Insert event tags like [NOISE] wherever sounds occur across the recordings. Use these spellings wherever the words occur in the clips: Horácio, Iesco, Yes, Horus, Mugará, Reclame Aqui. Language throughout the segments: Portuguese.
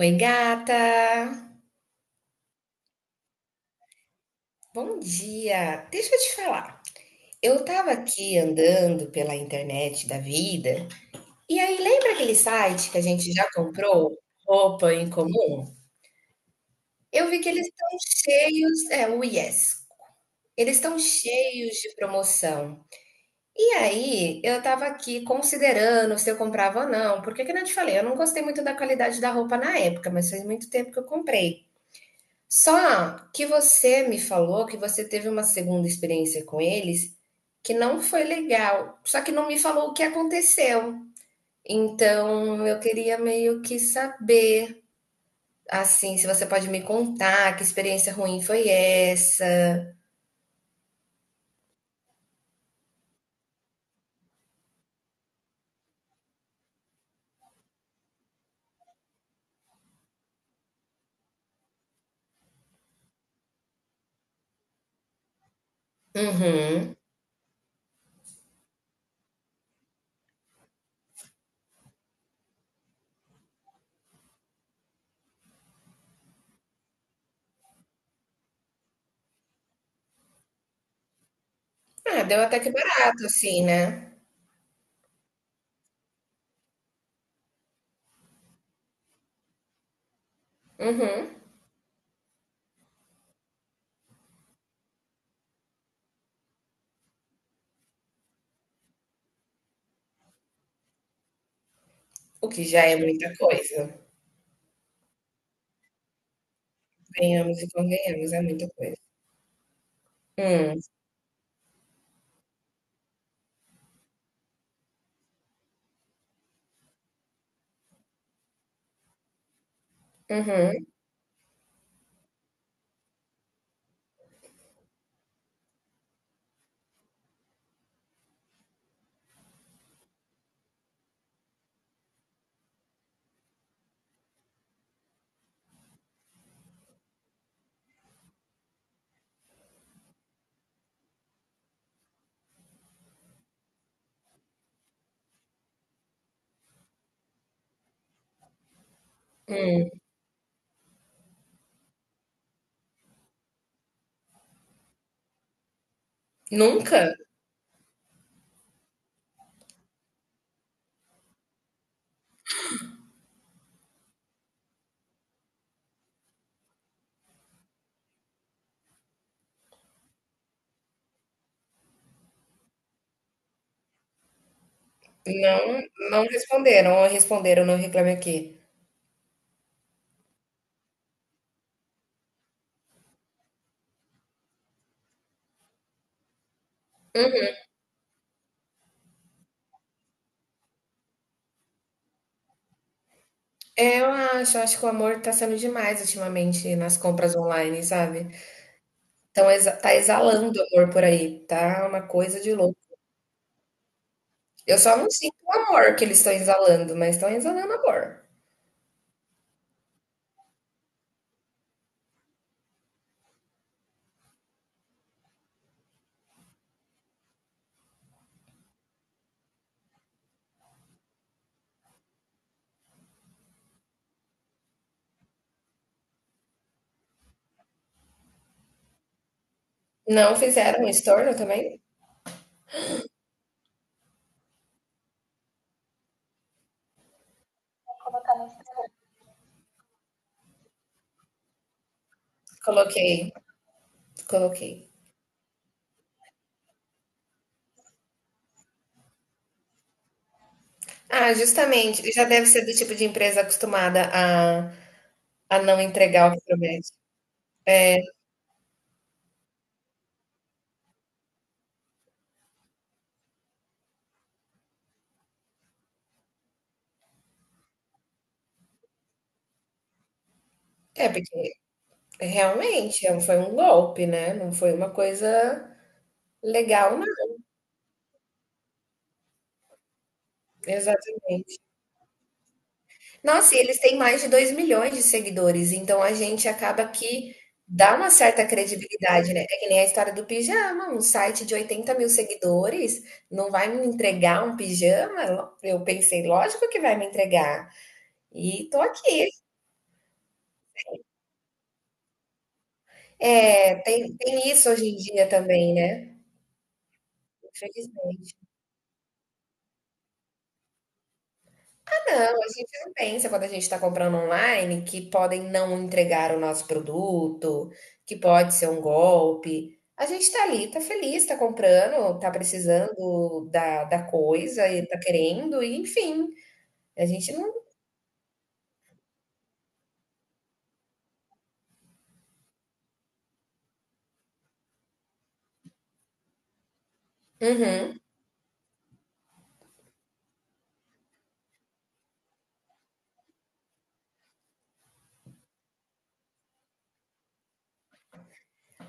Oi, gata! Bom dia! Deixa eu te falar. Eu tava aqui andando pela internet da vida, e aí lembra aquele site que a gente já comprou roupa em comum? Eu vi que eles estão cheios, é o Yes. Eles estão cheios de promoção. E aí, eu tava aqui considerando se eu comprava ou não, porque que eu não te falei, eu não gostei muito da qualidade da roupa na época, mas faz muito tempo que eu comprei. Só que você me falou que você teve uma segunda experiência com eles que não foi legal, só que não me falou o que aconteceu. Então, eu queria meio que saber, assim, se você pode me contar que experiência ruim foi essa. Uhum. Ah, deu até que barato, assim, né? Uhum. O que já é muita coisa. Ganhamos e convenhamos, é muita coisa. Hum. Uhum. Hum. Nunca? Não, não responderam. Ou responderam no Reclame Aqui. Eu acho que o amor tá sendo demais ultimamente nas compras online, sabe? Então tá exalando amor por aí, tá uma coisa de louco. Eu só não sinto o amor que eles estão exalando, mas estão exalando amor. Não fizeram um estorno também? Coloquei, coloquei. Ah, justamente, ele já deve ser do tipo de empresa acostumada a não entregar o que promete. É, porque realmente foi um golpe, né? Não foi uma coisa legal, não. Exatamente. Nossa, e eles têm mais de 2 milhões de seguidores, então a gente acaba que dá uma certa credibilidade, né? É que nem a história do pijama, um site de 80 mil seguidores não vai me entregar um pijama? Eu pensei, lógico que vai me entregar. E tô aqui. É, tem isso hoje em dia também, né? Infelizmente. Não, a gente não pensa quando a gente está comprando online que podem não entregar o nosso produto, que pode ser um golpe. A gente está ali, está feliz, está comprando, está precisando da coisa e está querendo, e enfim. A gente não. Uhum.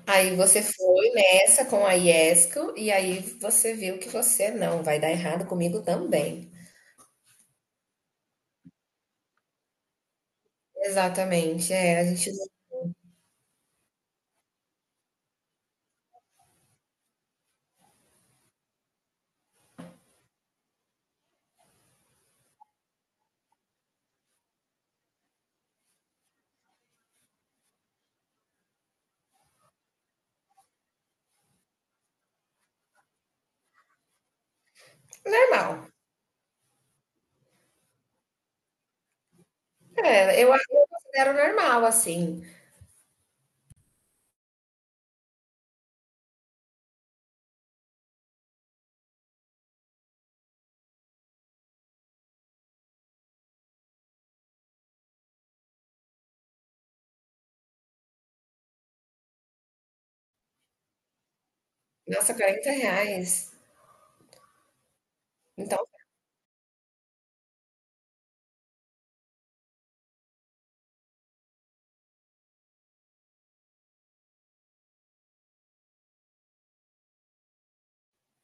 Aí você foi nessa com a Iesco e aí você viu que você não vai dar errado comigo também. Exatamente, é, a gente. Normal. É, eu considero normal, assim. Nossa, 40 reais. Então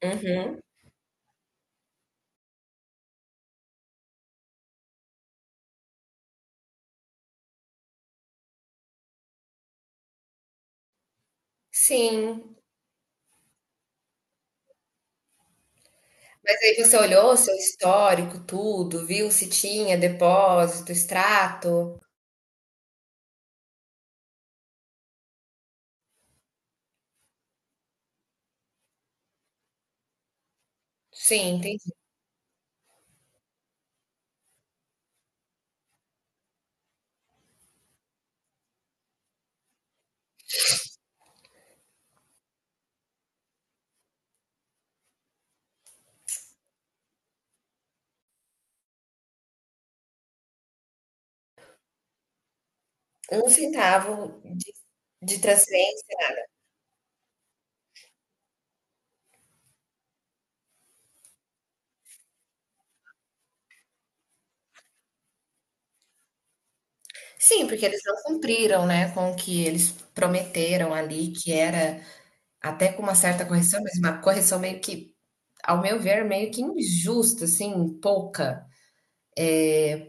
uhum. Sim. Mas aí você olhou o seu histórico, tudo, viu se tinha depósito, extrato? Sim, entendi. 1 centavo de transferência, nada. Sim, porque eles não cumpriram, né, com o que eles prometeram ali, que era até com uma certa correção, mas uma correção meio que, ao meu ver, meio que injusta, assim, pouca.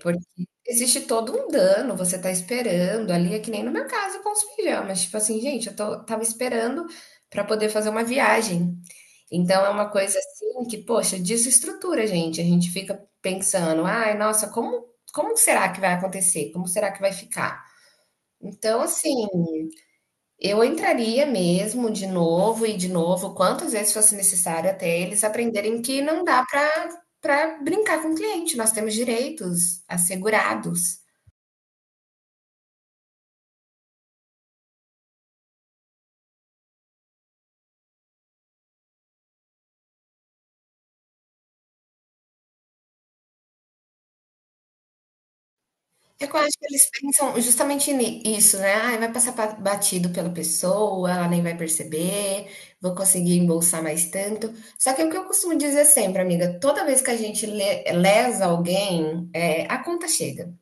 Porque existe todo um dano, você tá esperando ali, é que nem no meu caso com os pijamas, tipo assim, gente, eu tô, tava esperando para poder fazer uma viagem. Então é uma coisa assim que, poxa, desestrutura, gente. A gente fica pensando, ai, nossa, como será que vai acontecer? Como será que vai ficar? Então, assim, eu entraria mesmo de novo e de novo, quantas vezes fosse necessário até eles aprenderem que não dá para brincar com o cliente, nós temos direitos assegurados. É que eu acho que eles pensam justamente nisso, né? Ai, vai passar batido pela pessoa, ela nem vai perceber, vou conseguir embolsar mais tanto. Só que é o que eu costumo dizer sempre, amiga, toda vez que a gente lesa alguém, é, a conta chega.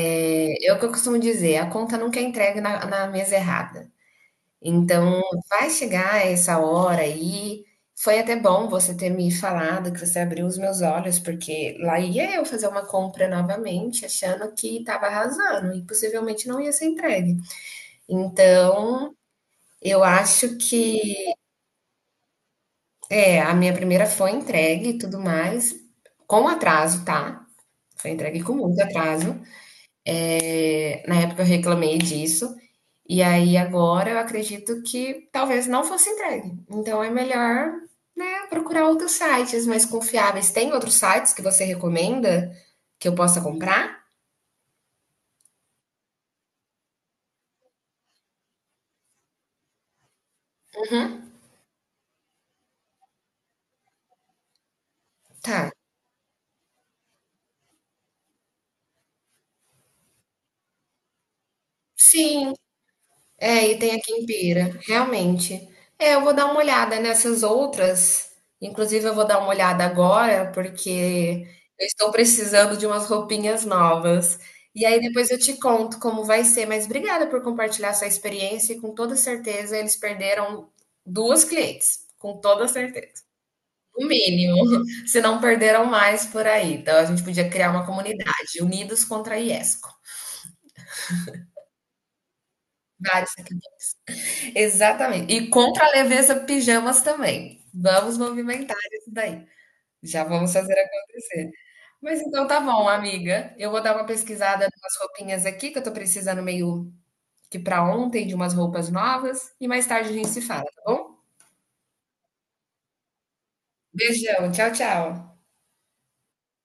É, é o que eu costumo dizer, a conta nunca é entregue na mesa errada. Então, vai chegar essa hora aí. Foi até bom você ter me falado, que você abriu os meus olhos, porque lá ia eu fazer uma compra novamente, achando que estava arrasando e possivelmente não ia ser entregue. Então, eu acho que é, a minha primeira foi entregue e tudo mais, com atraso, tá? Foi entregue com muito atraso. É, na época eu reclamei disso. E aí agora eu acredito que talvez não fosse entregue. Então é melhor, né, procurar outros sites mais confiáveis. Tem outros sites que você recomenda que eu possa comprar? Uhum. Tá. Sim, é, e tem aqui em Pira, realmente. É, eu vou dar uma olhada nessas outras. Inclusive, eu vou dar uma olhada agora, porque eu estou precisando de umas roupinhas novas. E aí depois eu te conto como vai ser. Mas obrigada por compartilhar sua experiência. E com toda certeza, eles perderam duas clientes. Com toda certeza. O mínimo. [LAUGHS] Se não perderam mais por aí. Então, a gente podia criar uma comunidade, Unidos contra a Iesco. Dá exatamente. E contra a leveza pijamas também. Vamos movimentar isso daí. Já vamos fazer acontecer. Mas então tá bom, amiga. Eu vou dar uma pesquisada nas roupinhas aqui, que eu tô precisando meio que para ontem de umas roupas novas. E mais tarde a gente se fala, tá bom? Beijão, tchau, tchau.